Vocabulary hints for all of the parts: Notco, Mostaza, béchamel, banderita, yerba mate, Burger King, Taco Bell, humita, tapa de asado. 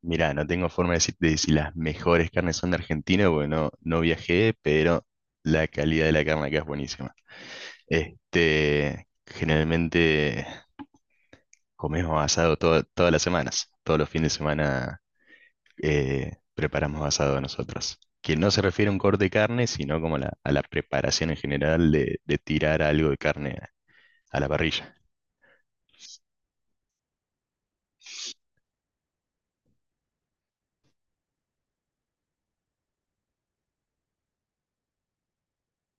Mirá, no tengo forma de decirte si las mejores carnes son de Argentina, porque no viajé, pero la calidad de la carne acá es buenísima. Generalmente comemos asado todas las semanas, todos los fines de semana, preparamos asado nosotros. Que no se refiere a un corte de carne, sino como a la preparación en general de tirar algo de carne a la parrilla.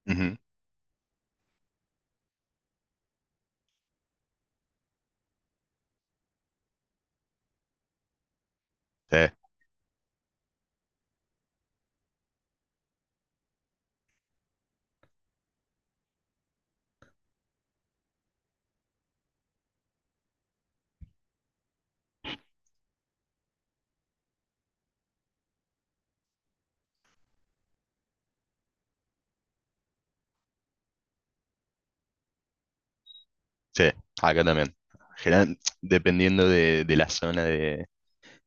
Ujú. Sí, sí, acá también. Dependiendo de la zona de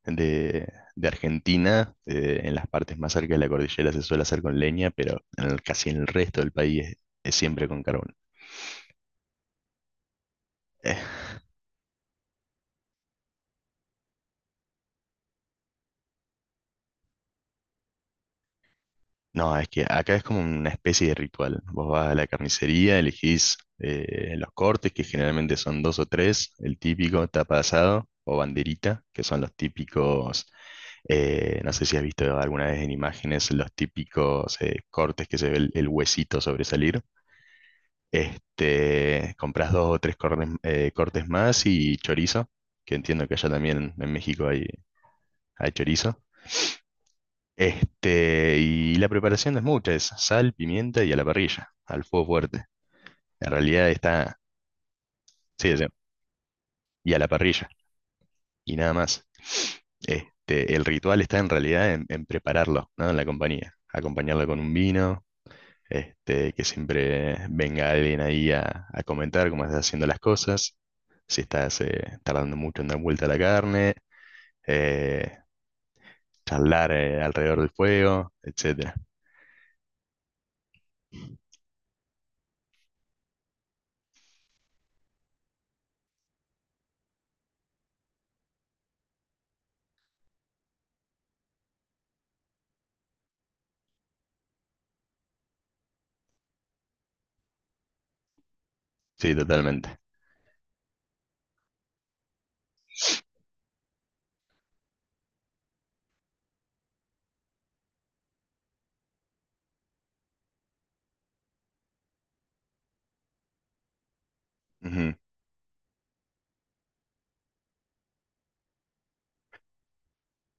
de Argentina, en las partes más cerca de la cordillera se suele hacer con leña, pero casi en el resto del país es siempre con carbón. Eh, no, es que acá es como una especie de ritual. Vos vas a la carnicería, elegís los cortes, que generalmente son dos o tres, el típico tapa de asado o banderita, que son los típicos, no sé si has visto alguna vez en imágenes, los típicos cortes que se ve el huesito sobresalir. Compras dos o tres cortes, cortes más y chorizo, que entiendo que allá también en México hay, hay chorizo. Y la preparación no es mucha, es sal, pimienta y a la parrilla, al fuego fuerte. En realidad está, sí, sí, y a la parrilla, y nada más. El ritual está en realidad en prepararlo, ¿no? En la compañía. Acompañarlo con un vino, que siempre venga alguien ahí a comentar cómo estás haciendo las cosas, si estás tardando mucho en dar vuelta a la carne, eh, charlar alrededor del fuego, etcétera. Sí, totalmente. Ujú.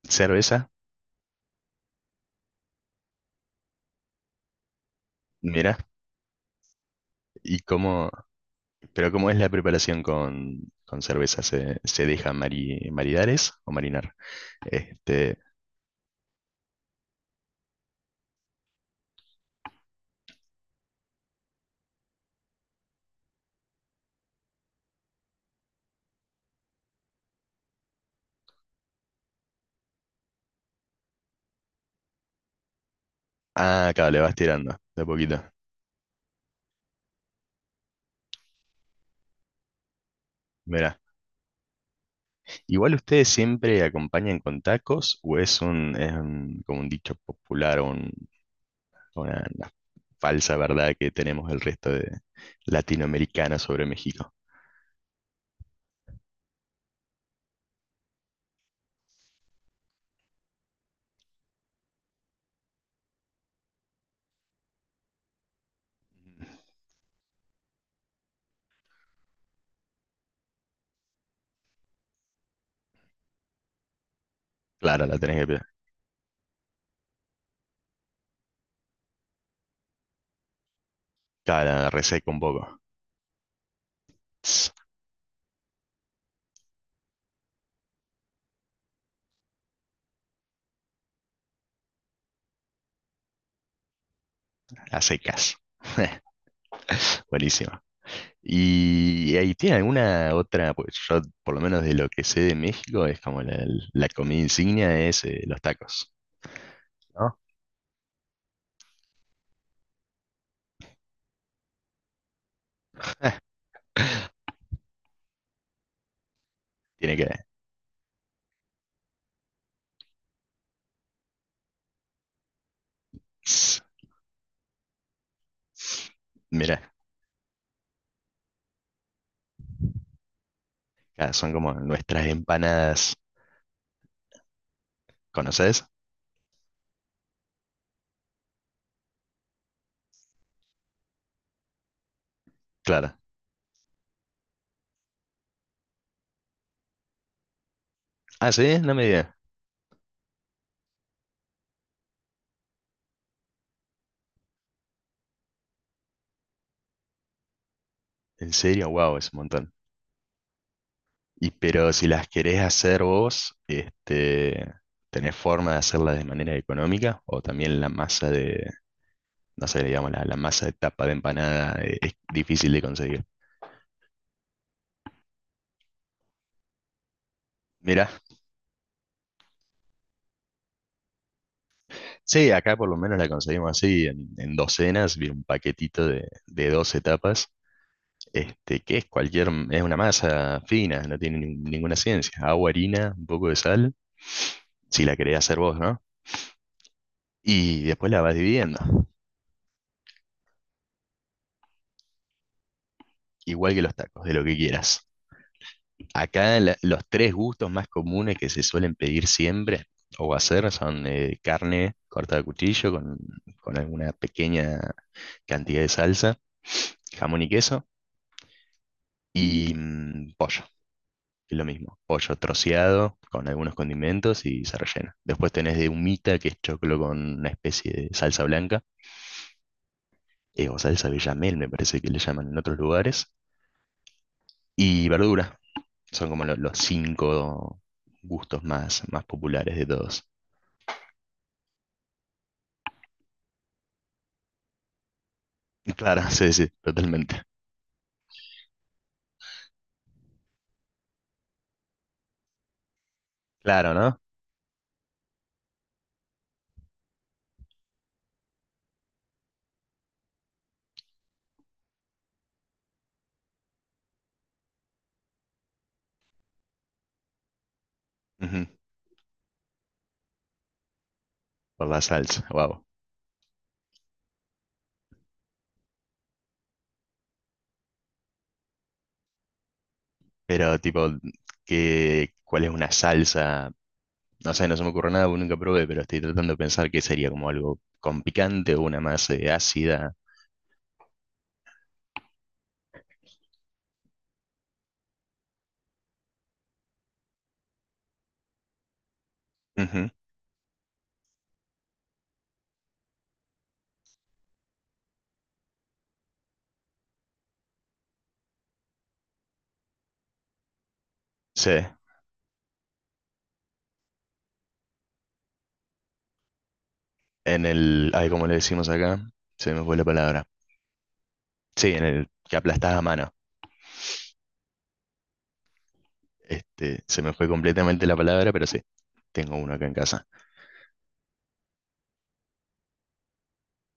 Cerveza, mira, y cómo, pero cómo es la preparación con cerveza, ¿se, se deja maridar es? ¿O marinar? Este, ah, acá le vas tirando, de a poquito. Mira. Igual ustedes siempre acompañan con tacos, ¿o es un, como un dicho popular, una falsa verdad que tenemos el resto de latinoamericanos sobre México? Claro, la tenés que pegar. Claro, la reseca un poco. Tss, a secas. Buenísimo. ¿Y ahí tiene alguna otra? Pues yo, por lo menos de lo que sé de México, es como la comida insignia es los tacos, ¿no? Tiene que... Mira, son como nuestras empanadas. ¿Conoces? Claro. Ah, sí, no me digas. En serio, wow, es un montón. Y pero si las querés hacer vos, ¿tenés forma de hacerlas de manera económica? O también la masa de, no sé, digamos, la masa de tapa de empanada, es difícil de conseguir. Mira, sí, acá por lo menos la conseguimos así, en docenas, vi un paquetito de 12 tapas, que es cualquier, es una masa fina, no tiene ninguna ciencia. Agua, harina, un poco de sal, si la querés hacer vos, ¿no? Y después la vas dividiendo, igual que los tacos, de lo que quieras. Acá los tres gustos más comunes que se suelen pedir siempre o hacer son carne cortada a cuchillo con alguna pequeña cantidad de salsa, jamón y queso y mm, pollo, que es lo mismo. Pollo troceado con algunos condimentos y se rellena. Después tenés de humita, que es choclo con una especie de salsa blanca, o salsa bechamel, me parece que le llaman en otros lugares, y verdura. Son como los cinco gustos más, más populares de todos. Claro, sí, sí, totalmente. Claro, ¿no? Ujú, por la salsa, wow. Pero tipo, ¿qué, cuál es una salsa? No sé, no se me ocurre nada, porque nunca probé, pero estoy tratando de pensar que sería como algo con picante o una más ácida. Ujú, sí, en el, ay, como le decimos acá, se me fue la palabra. Sí, en el que aplastás a mano. Se me fue completamente la palabra, pero sí, tengo uno acá en casa.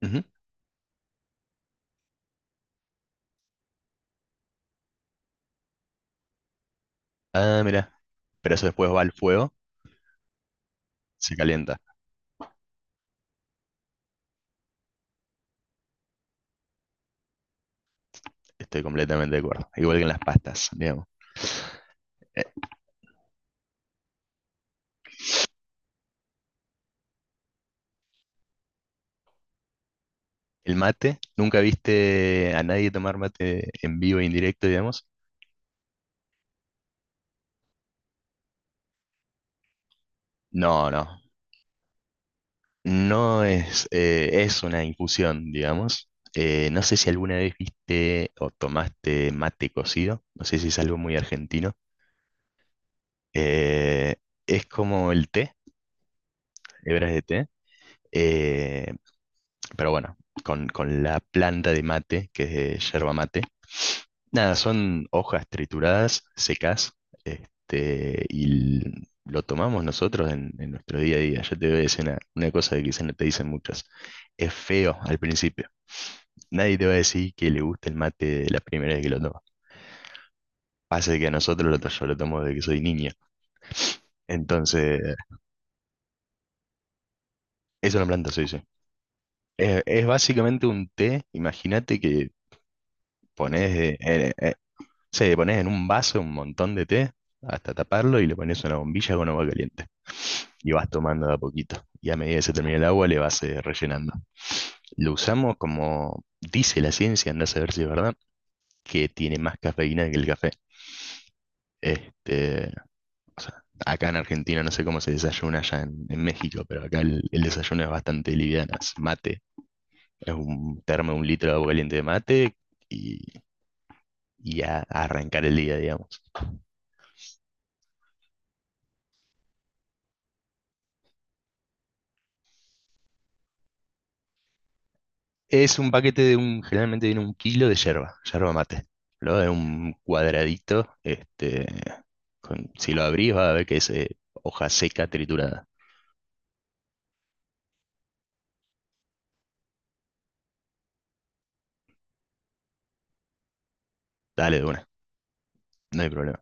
Ujú. Ah, mira. Pero eso después va al fuego, se calienta. Estoy completamente de acuerdo. Igual que en las pastas, digamos. El mate, ¿nunca viste a nadie tomar mate en vivo e indirecto, digamos? No, no. No es, es una infusión, digamos. No sé si alguna vez viste o tomaste mate cocido. No sé si es algo muy argentino. Eh, es como el té, hebras de té. eh, pero bueno, con la planta de mate, que es de yerba mate. Nada, son hojas trituradas, secas, y l- lo tomamos nosotros en nuestro día a día. Yo te voy a decir una cosa que quizás no te dicen muchas. Es feo al principio. Nadie te va a decir que le gusta el mate de la primera vez que lo toma. Pasa que a nosotros yo lo tomo desde que soy niño. Entonces, es una planta, sí, sí. Es básicamente un té, imagínate que pones, sí, le pones en un vaso un montón de té hasta taparlo y le pones una bombilla con agua caliente. Y vas tomando de a poquito. Y a medida que se termine el agua, le vas rellenando. Lo usamos como dice la ciencia, andás a ver si es verdad, que tiene más cafeína que el café. Este, o sea, acá en Argentina no sé cómo se desayuna allá en México, pero acá el desayuno es bastante liviano. Es mate, es un termo, de un litro de agua caliente de mate y, y a arrancar el día, digamos. Es un paquete de un, generalmente viene un kilo de yerba, yerba mate. Lo de un cuadradito, con- si lo abrís va a ver que es hoja seca triturada. Dale de una, no hay problema.